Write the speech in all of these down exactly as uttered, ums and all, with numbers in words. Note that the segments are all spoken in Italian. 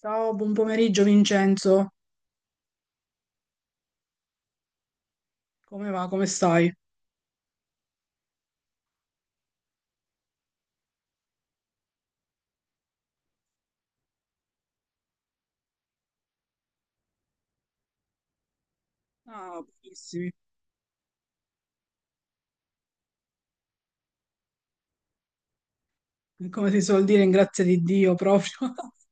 Ciao, buon pomeriggio Vincenzo. Come va? Come stai? Ah, benissimo. Come si suol dire, in grazia di Dio proprio.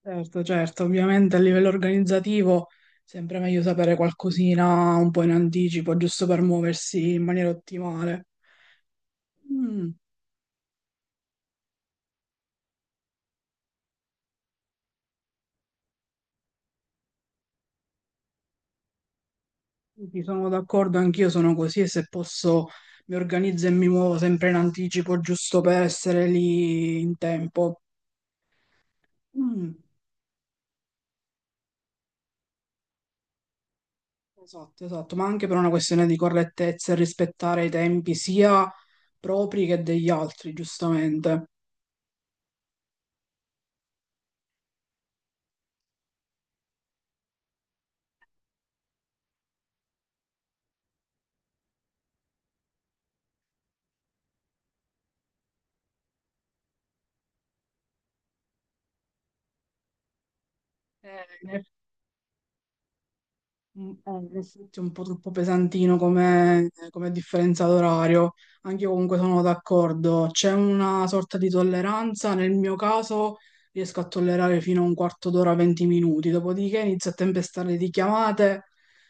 Certo, certo, ovviamente a livello organizzativo sempre meglio sapere qualcosina un po' in anticipo, giusto per muoversi in maniera ottimale. Mm, sì, sono d'accordo, anch'io sono così e se posso mi organizzo e mi muovo sempre in anticipo, giusto per essere lì in tempo. Mm. Esatto, esatto, ma anche per una questione di correttezza e rispettare i tempi sia propri che degli altri, giustamente. Eh, Eh, Mm, eh, in effetti è un po' troppo pesantino come, come differenza d'orario, anche io comunque sono d'accordo, c'è una sorta di tolleranza, nel mio caso riesco a tollerare fino a un quarto d'ora, venti minuti, dopodiché inizio a tempestare di chiamate,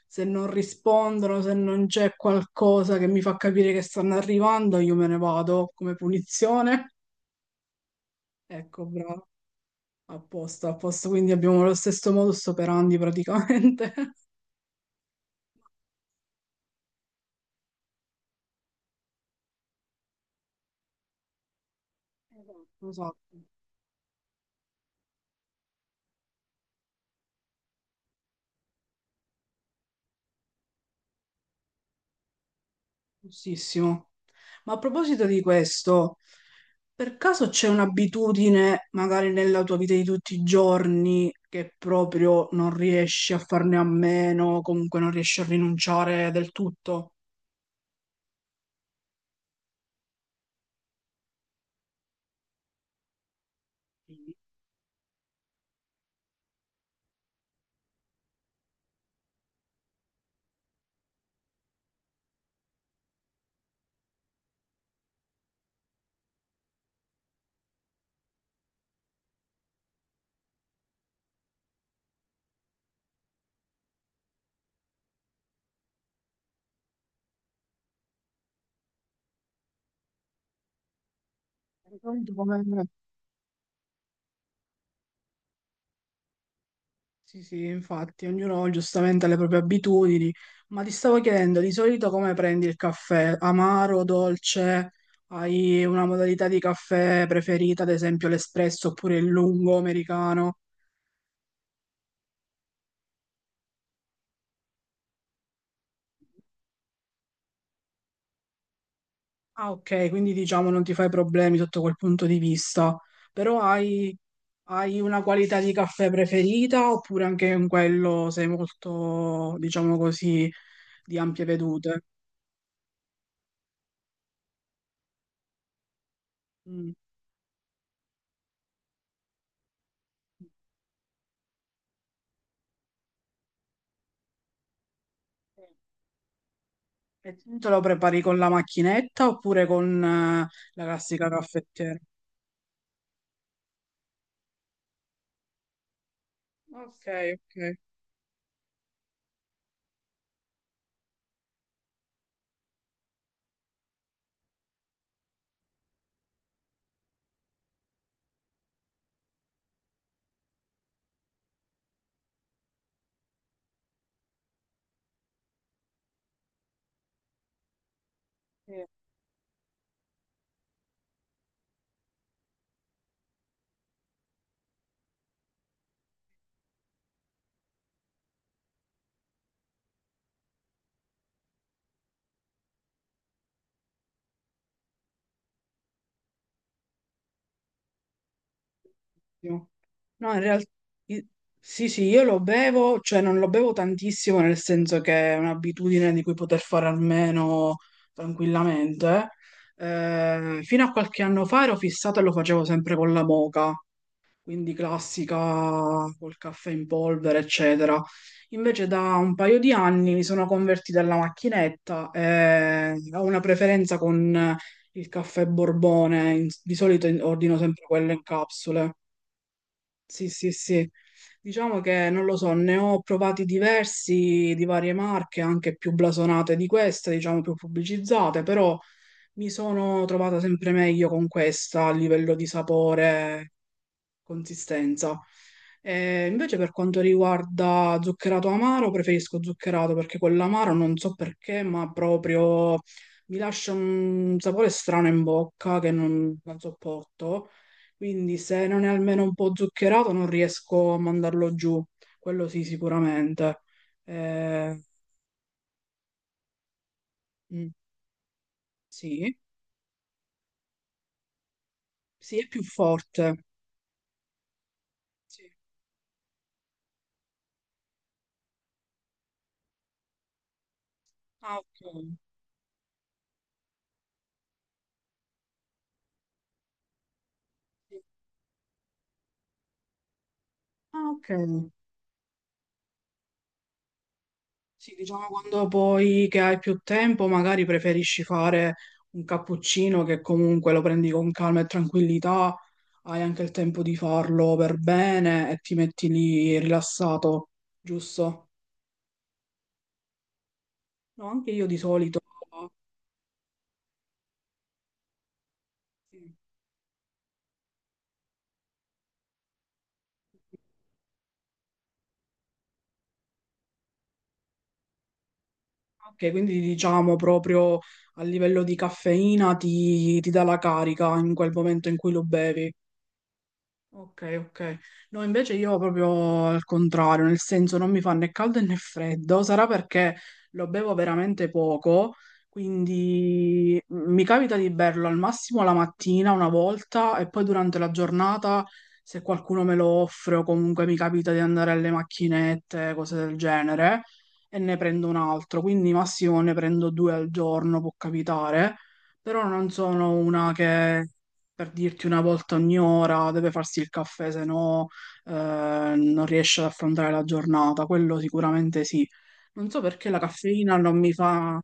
se non rispondono, se non c'è qualcosa che mi fa capire che stanno arrivando, io me ne vado come punizione. Ecco, bravo, a posto, a posto, quindi abbiamo lo stesso modus operandi praticamente. Esatto, esatto. Giustissimo. Ma a proposito di questo, per caso c'è un'abitudine, magari nella tua vita di tutti i giorni, che proprio non riesci a farne a meno, o comunque non riesci a rinunciare del tutto? Ricordo come- Sì, sì, infatti, ognuno giustamente ha le proprie abitudini, ma ti stavo chiedendo, di solito come prendi il caffè? Amaro, dolce? Hai una modalità di caffè preferita, ad esempio l'espresso oppure il lungo americano? Ah, ok, quindi diciamo non ti fai problemi sotto quel punto di vista, però hai, hai una qualità di caffè preferita oppure anche in quello sei molto, diciamo così, di ampie vedute? Mm. E tu te lo prepari con la macchinetta oppure con eh, la classica caffettiera? Ok, ok. No, in realtà sì, sì, io lo bevo, cioè non lo bevo tantissimo, nel senso che è un'abitudine di cui poter fare almeno tranquillamente. Eh, fino a qualche anno fa ero fissato e lo facevo sempre con la moka, quindi classica, col caffè in polvere, eccetera. Invece da un paio di anni mi sono convertita alla macchinetta e ho una preferenza con il caffè Borbone, in- di solito in- ordino sempre quello in capsule. Sì, sì, sì. Diciamo che non lo so, ne ho provati diversi di varie marche, anche più blasonate di questa, diciamo più pubblicizzate, però mi sono trovata sempre meglio con questa a livello di sapore, consistenza. Eh, invece per quanto riguarda zuccherato amaro, preferisco zuccherato perché quell'amaro non so perché, ma proprio mi lascia un sapore strano in bocca che non, non sopporto. Quindi se non è almeno un po' zuccherato non riesco a mandarlo giù, quello sì sicuramente. Eh, mm, sì, sì, è più forte. Sì. Ah, ok. Sì. Ah, ok. Sì, diciamo quando poi che hai più tempo, magari preferisci fare un cappuccino che comunque lo prendi con calma e tranquillità, hai anche il tempo di farlo per bene e ti metti lì rilassato, giusto? No, anche io di solito. Sì. Ok, quindi diciamo proprio a livello di caffeina ti, ti dà la carica in quel momento in cui lo bevi. Ok, ok. No, invece io proprio al contrario, nel senso non mi fa né caldo né freddo, sarà perché lo bevo veramente poco, quindi mi capita di berlo al massimo la mattina una volta e poi durante la giornata, se qualcuno me lo offre o comunque mi capita di andare alle macchinette, cose del genere, e ne prendo un altro, quindi massimo ne prendo due al giorno, può capitare, però non sono una che per dirti una volta ogni ora, deve farsi il caffè, se no eh, non riesce ad affrontare la giornata, quello sicuramente sì. Non so perché la caffeina non mi fa,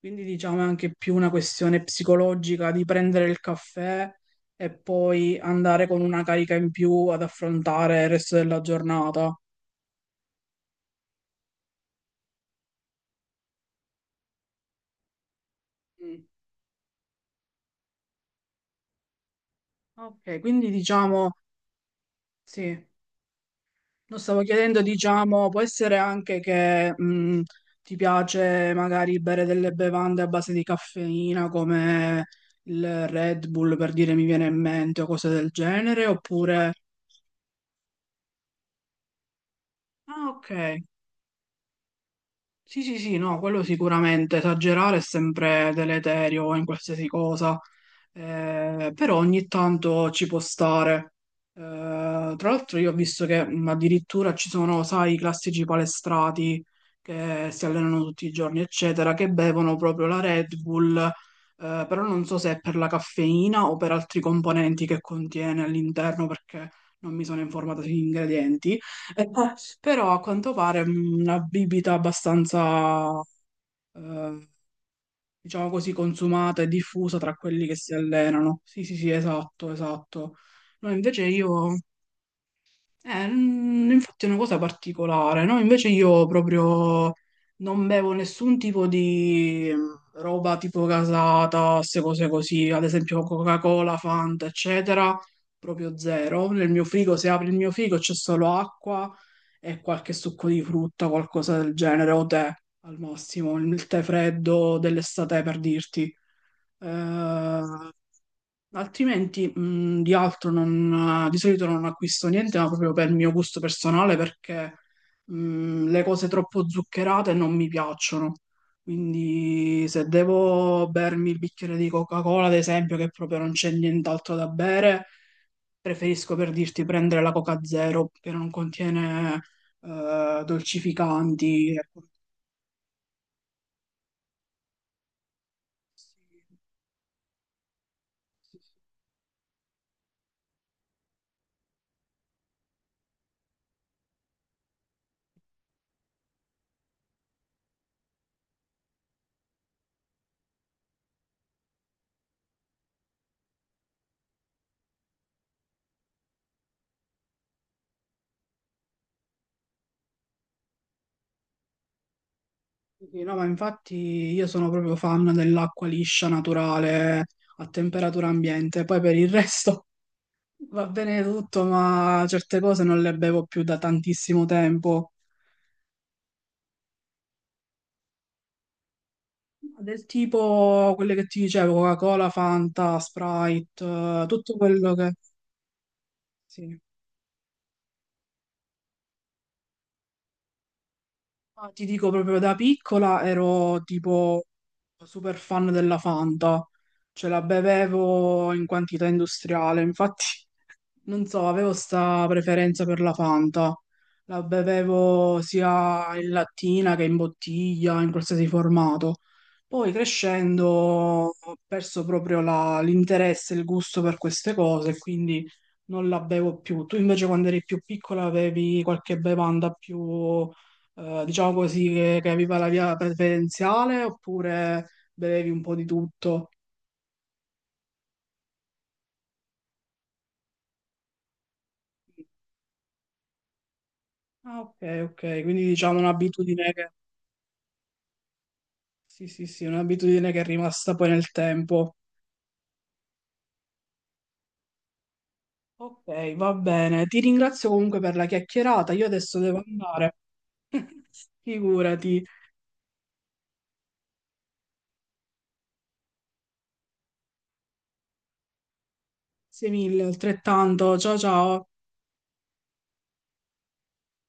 quindi diciamo è anche più una questione psicologica di prendere il caffè e poi andare con una carica in più ad affrontare il resto della giornata. Mm. Ok, quindi diciamo sì. Lo stavo chiedendo, diciamo, può essere anche che mh, ti piace magari bere delle bevande a base di caffeina come il Red Bull per dire mi viene in mente o cose del genere, oppure... Ah, ok. Sì, sì, sì, no, quello sicuramente, esagerare è sempre deleterio in qualsiasi cosa. Eh, però ogni tanto ci può stare. Eh, tra l'altro io ho visto che mh, addirittura ci sono, sai, i classici palestrati che si allenano tutti i giorni, eccetera, che bevono proprio la Red Bull, eh, però non so se è per la caffeina o per altri componenti che contiene all'interno, perché non mi sono informata sugli ingredienti. Eh, Però a quanto pare mh, una bibita abbastanza eh, diciamo così, consumata e diffusa tra quelli che si allenano. Sì, sì, sì, esatto, esatto. No, invece io eh, mm, infatti è una cosa particolare, no? Invece io proprio non bevo nessun tipo di mm, roba tipo casata, queste cose così, ad esempio Coca-Cola, Fanta, eccetera, proprio zero. Nel mio frigo, se apri il mio frigo, c'è solo acqua e qualche succo di frutta, qualcosa del genere, o tè al massimo, il tè freddo dell'estate per dirti. Eh, Altrimenti, mh, di altro non, di solito non acquisto niente, ma proprio per il mio gusto personale, perché mh, le cose troppo zuccherate non mi piacciono. Quindi se devo bermi il bicchiere di Coca-Cola, ad esempio, che proprio non c'è nient'altro da bere, preferisco per dirti prendere la Coca Zero, che non contiene eh, dolcificanti. Ecco. Sì. No, ma infatti io sono proprio fan dell'acqua liscia, naturale, a temperatura ambiente. Poi per il resto va bene tutto, ma certe cose non le bevo più da tantissimo tempo. Del tipo quelle che ti dicevo, Coca-Cola, Fanta, Sprite, eh, tutto quello che... Sì. Ma ti dico proprio da piccola ero tipo super fan della Fanta, ce la bevevo in quantità industriale, infatti... Non so, avevo sta preferenza per la Fanta. La bevevo sia in lattina che in bottiglia, in qualsiasi formato. Poi crescendo ho perso proprio la- l'interesse e il gusto per queste cose, quindi non la bevo più. Tu invece quando eri più piccola avevi qualche bevanda più, eh, diciamo così, che, che aveva la via preferenziale oppure bevevi un po' di tutto? Ah, ok, ok, quindi diciamo un'abitudine. Sì, sì, sì, un'abitudine che è rimasta poi nel tempo. Ok, va bene. Ti ringrazio comunque per la chiacchierata. Io adesso devo andare. Figurati. Grazie mille, altrettanto. Ciao ciao.